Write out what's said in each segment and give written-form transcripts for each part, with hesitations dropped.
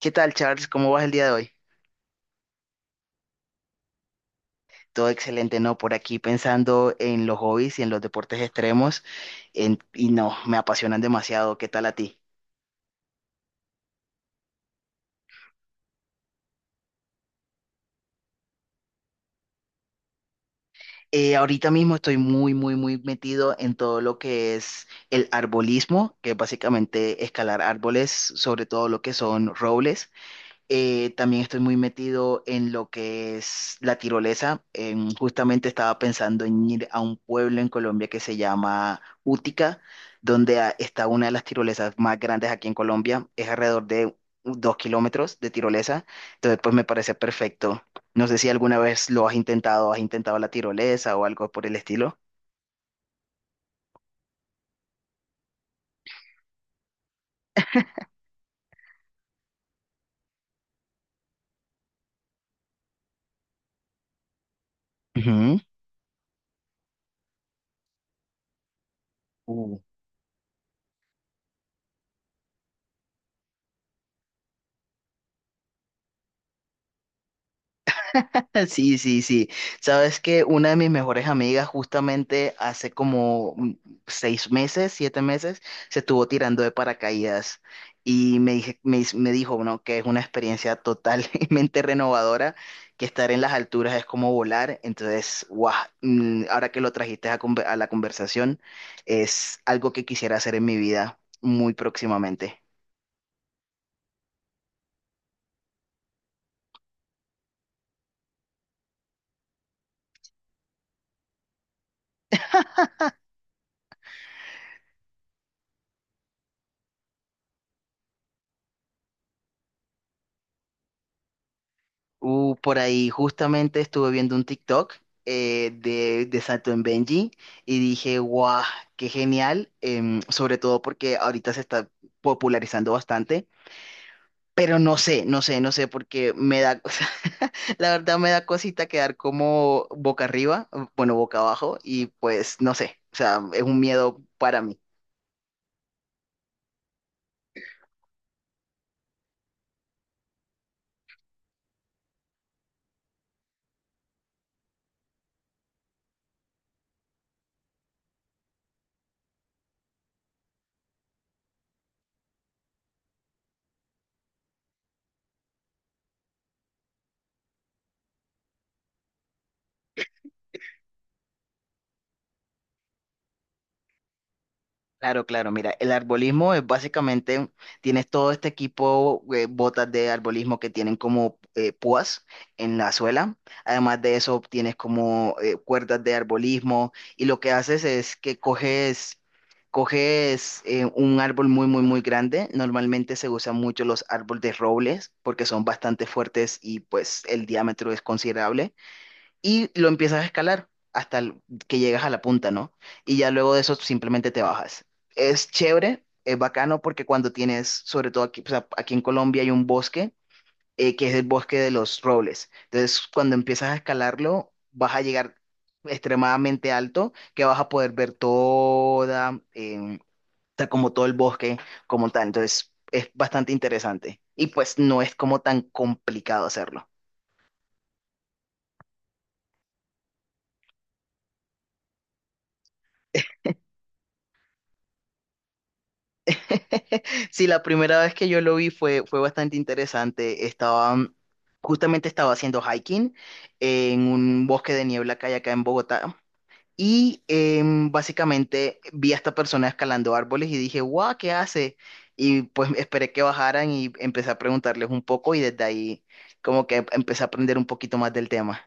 ¿Qué tal, Charles? ¿Cómo vas el día de hoy? Todo excelente, ¿no? Por aquí pensando en los hobbies y en los deportes extremos, no, me apasionan demasiado. ¿Qué tal a ti? Ahorita mismo estoy muy metido en todo lo que es el arbolismo, que es básicamente escalar árboles, sobre todo lo que son robles. También estoy muy metido en lo que es la tirolesa. Justamente estaba pensando en ir a un pueblo en Colombia que se llama Útica, donde está una de las tirolesas más grandes aquí en Colombia. Es alrededor de 2 kilómetros de tirolesa. Entonces, pues me parece perfecto. No sé si alguna vez lo has intentado la tirolesa o algo por el estilo. Ujú. Sí, sí, sí. Sabes que una de mis mejores amigas justamente hace como 6 meses, 7 meses, se estuvo tirando de paracaídas y me, dije- me, dis- me dijo, ¿no?, que es una experiencia totalmente renovadora, que estar en las alturas es como volar. Entonces, guau, ahora que lo trajiste a, a la conversación, es algo que quisiera hacer en mi vida muy próximamente. Por ahí justamente estuve viendo un TikTok de Sato en Benji y dije, guau, qué genial, sobre todo porque ahorita se está popularizando bastante, pero no sé, porque me da, o sea, la verdad me da cosita quedar como boca arriba, bueno, boca abajo y pues no sé, o sea, es un miedo para mí. Claro, claro, mira, el arbolismo es básicamente, tienes todo este equipo, botas de arbolismo que tienen como púas en la suela, además de eso tienes como cuerdas de arbolismo y lo que haces es que coges, un árbol muy grande, normalmente se usan mucho los árboles de robles porque son bastante fuertes y pues el diámetro es considerable y lo empiezas a escalar que llegas a la punta, ¿no? Y ya luego de eso simplemente te bajas. Es chévere, es bacano porque cuando tienes, sobre todo aquí, o sea, aquí en Colombia hay un bosque que es el bosque de los robles. Entonces, cuando empiezas a escalarlo, vas a llegar extremadamente alto que vas a poder ver toda, o sea, como todo el bosque como tal. Entonces, es bastante interesante y pues no es como tan complicado hacerlo. Sí, la primera vez que yo lo vi fue, fue bastante interesante. Estaba, justamente estaba haciendo hiking en un bosque de niebla que hay acá en Bogotá. Y básicamente vi a esta persona escalando árboles y dije, guau, ¿qué hace? Y pues esperé que bajaran y empecé a preguntarles un poco y desde ahí como que empecé a aprender un poquito más del tema.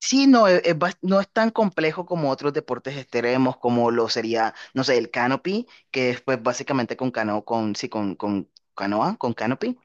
Sí, no, es, no es tan complejo como otros deportes extremos, como lo sería, no sé, el canopy, que es pues básicamente con canoa, con canopy.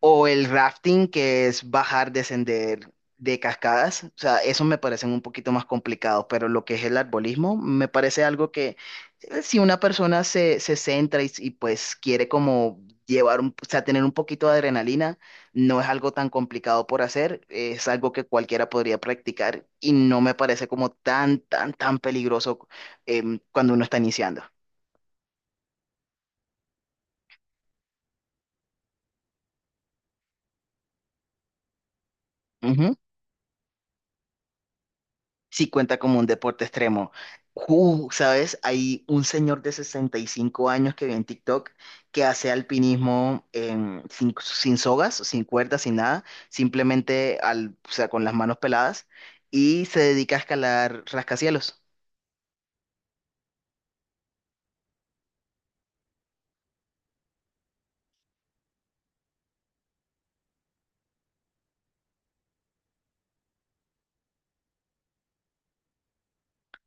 O el rafting, que es bajar, descender de cascadas. O sea, esos me parecen un poquito más complicados, pero lo que es el arbolismo me parece algo que si una persona se, se centra y pues quiere como llevar, o sea, tener un poquito de adrenalina, no es algo tan complicado por hacer, es algo que cualquiera podría practicar y no me parece como tan peligroso cuando uno está iniciando. Sí cuenta como un deporte extremo. ¿Sabes? Hay un señor de 65 años que vi en TikTok que hace alpinismo sin sogas, sin cuerdas, sin nada, simplemente al, o sea, con las manos peladas y se dedica a escalar rascacielos.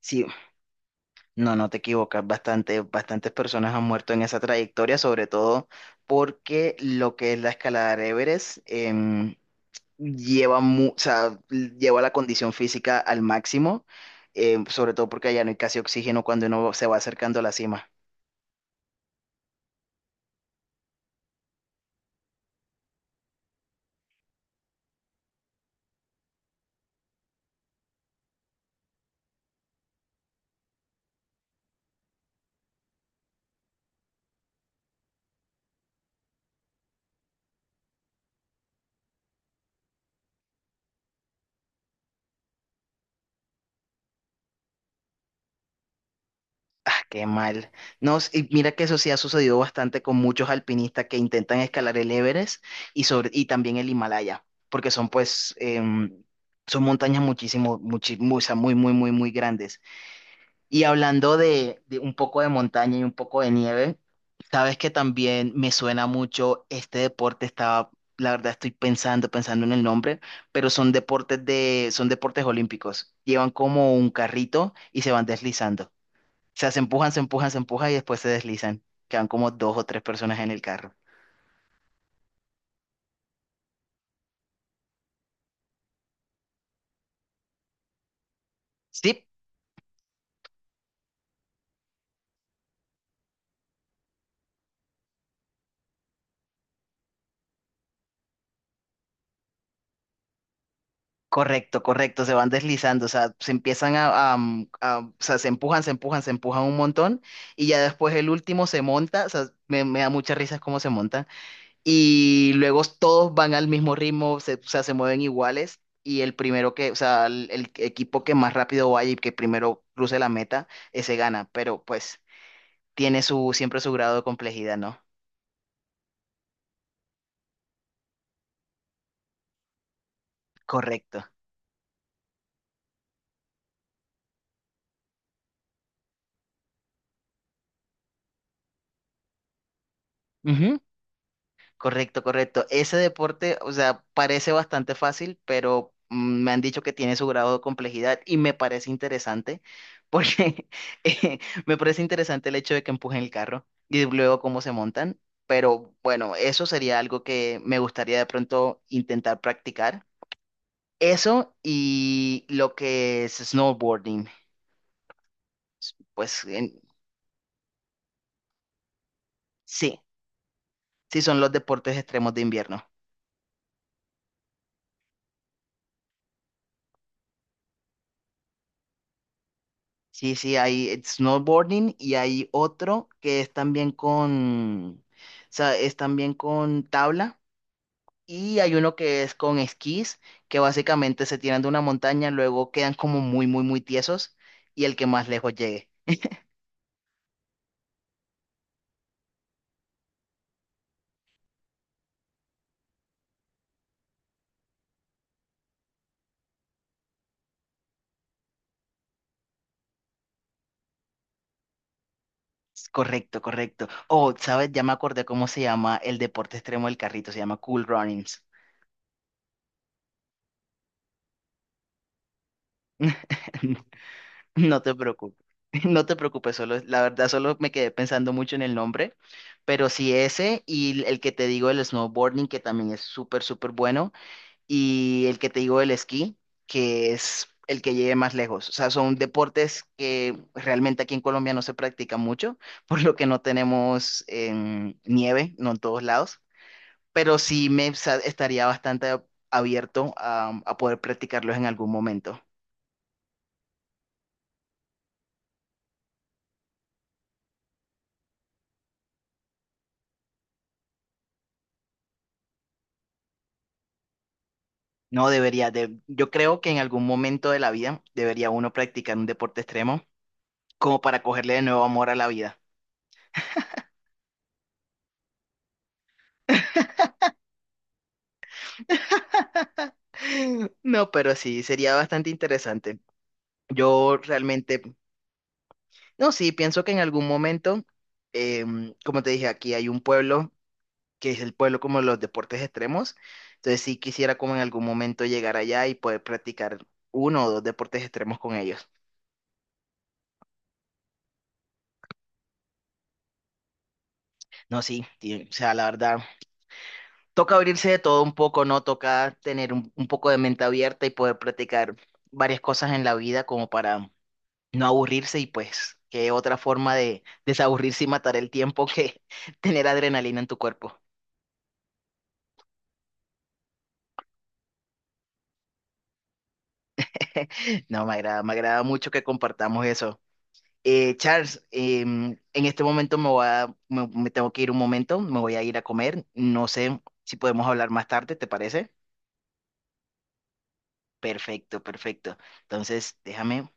Sí, no, no te equivocas, bastante, bastantes personas han muerto en esa trayectoria, sobre todo porque lo que es la escalada de Everest, lleva, o sea, lleva la condición física al máximo, sobre todo porque allá no hay casi oxígeno cuando uno se va acercando a la cima. Ah, qué mal. No, y mira que eso sí ha sucedido bastante con muchos alpinistas que intentan escalar el Everest y, sobre, y también el Himalaya, porque son pues, son montañas muchísimo, o sea, muy grandes. Y hablando de un poco de montaña y un poco de nieve, sabes que también me suena mucho este deporte, estaba, la verdad estoy pensando, pensando en el nombre, pero son deportes de, son deportes olímpicos. Llevan como un carrito y se van deslizando. O sea, se empujan y después se deslizan. Quedan como dos o tres personas en el carro. Sí, correcto, correcto, se van deslizando, o sea, se empiezan o sea, se empujan un montón y ya después el último se monta, o sea, me da mucha risa cómo se montan y luego todos van al mismo ritmo, se, o sea, se mueven iguales y el primero que, o sea, el equipo que más rápido vaya y que primero cruce la meta, ese gana, pero pues tiene su, siempre su grado de complejidad, ¿no? Correcto. Correcto, correcto. Ese deporte, o sea, parece bastante fácil, pero me han dicho que tiene su grado de complejidad y me parece interesante, porque eh, me parece interesante el hecho de que empujen el carro y luego cómo se montan. Pero bueno, eso sería algo que me gustaría de pronto intentar practicar. Eso y lo que es snowboarding, pues en- sí, sí son los deportes extremos de invierno. Sí, sí, hay snowboarding y hay otro que es también con, o sea, es también con tabla y hay uno que es con esquís, que básicamente se tiran de una montaña, luego quedan como muy tiesos y el que más lejos llegue. Es correcto, correcto. Oh, ¿sabes? Ya me acordé cómo se llama el deporte extremo del carrito, se llama Cool Runnings. No te preocupes, no te preocupes, solo, la verdad solo me quedé pensando mucho en el nombre, pero sí ese y el que te digo del snowboarding, que también es súper bueno, y el que te digo del esquí, que es el que llegue más lejos. O sea, son deportes que realmente aquí en Colombia no se practican mucho, por lo que no tenemos nieve, no en todos lados, pero estaría bastante abierto a poder practicarlos en algún momento. No debería, de, yo creo que en algún momento de la vida debería uno practicar un deporte extremo como para cogerle de nuevo amor a la vida. No, pero sí, sería bastante interesante. Yo realmente, no, sí, pienso que en algún momento, como te dije, aquí hay un pueblo que es el pueblo como de los deportes extremos. Entonces sí quisiera como en algún momento llegar allá y poder practicar uno o dos deportes extremos con ellos. No, sí, o sea, la verdad, toca abrirse de todo un poco, ¿no? Toca tener un poco de mente abierta y poder practicar varias cosas en la vida como para no aburrirse y pues qué otra forma de desaburrirse y matar el tiempo que tener adrenalina en tu cuerpo. No, me agrada mucho que compartamos eso. Charles, en este momento me voy a- me me tengo que ir un momento, me voy a ir a comer. No sé si podemos hablar más tarde, ¿te parece? Perfecto, perfecto. Entonces, déjame.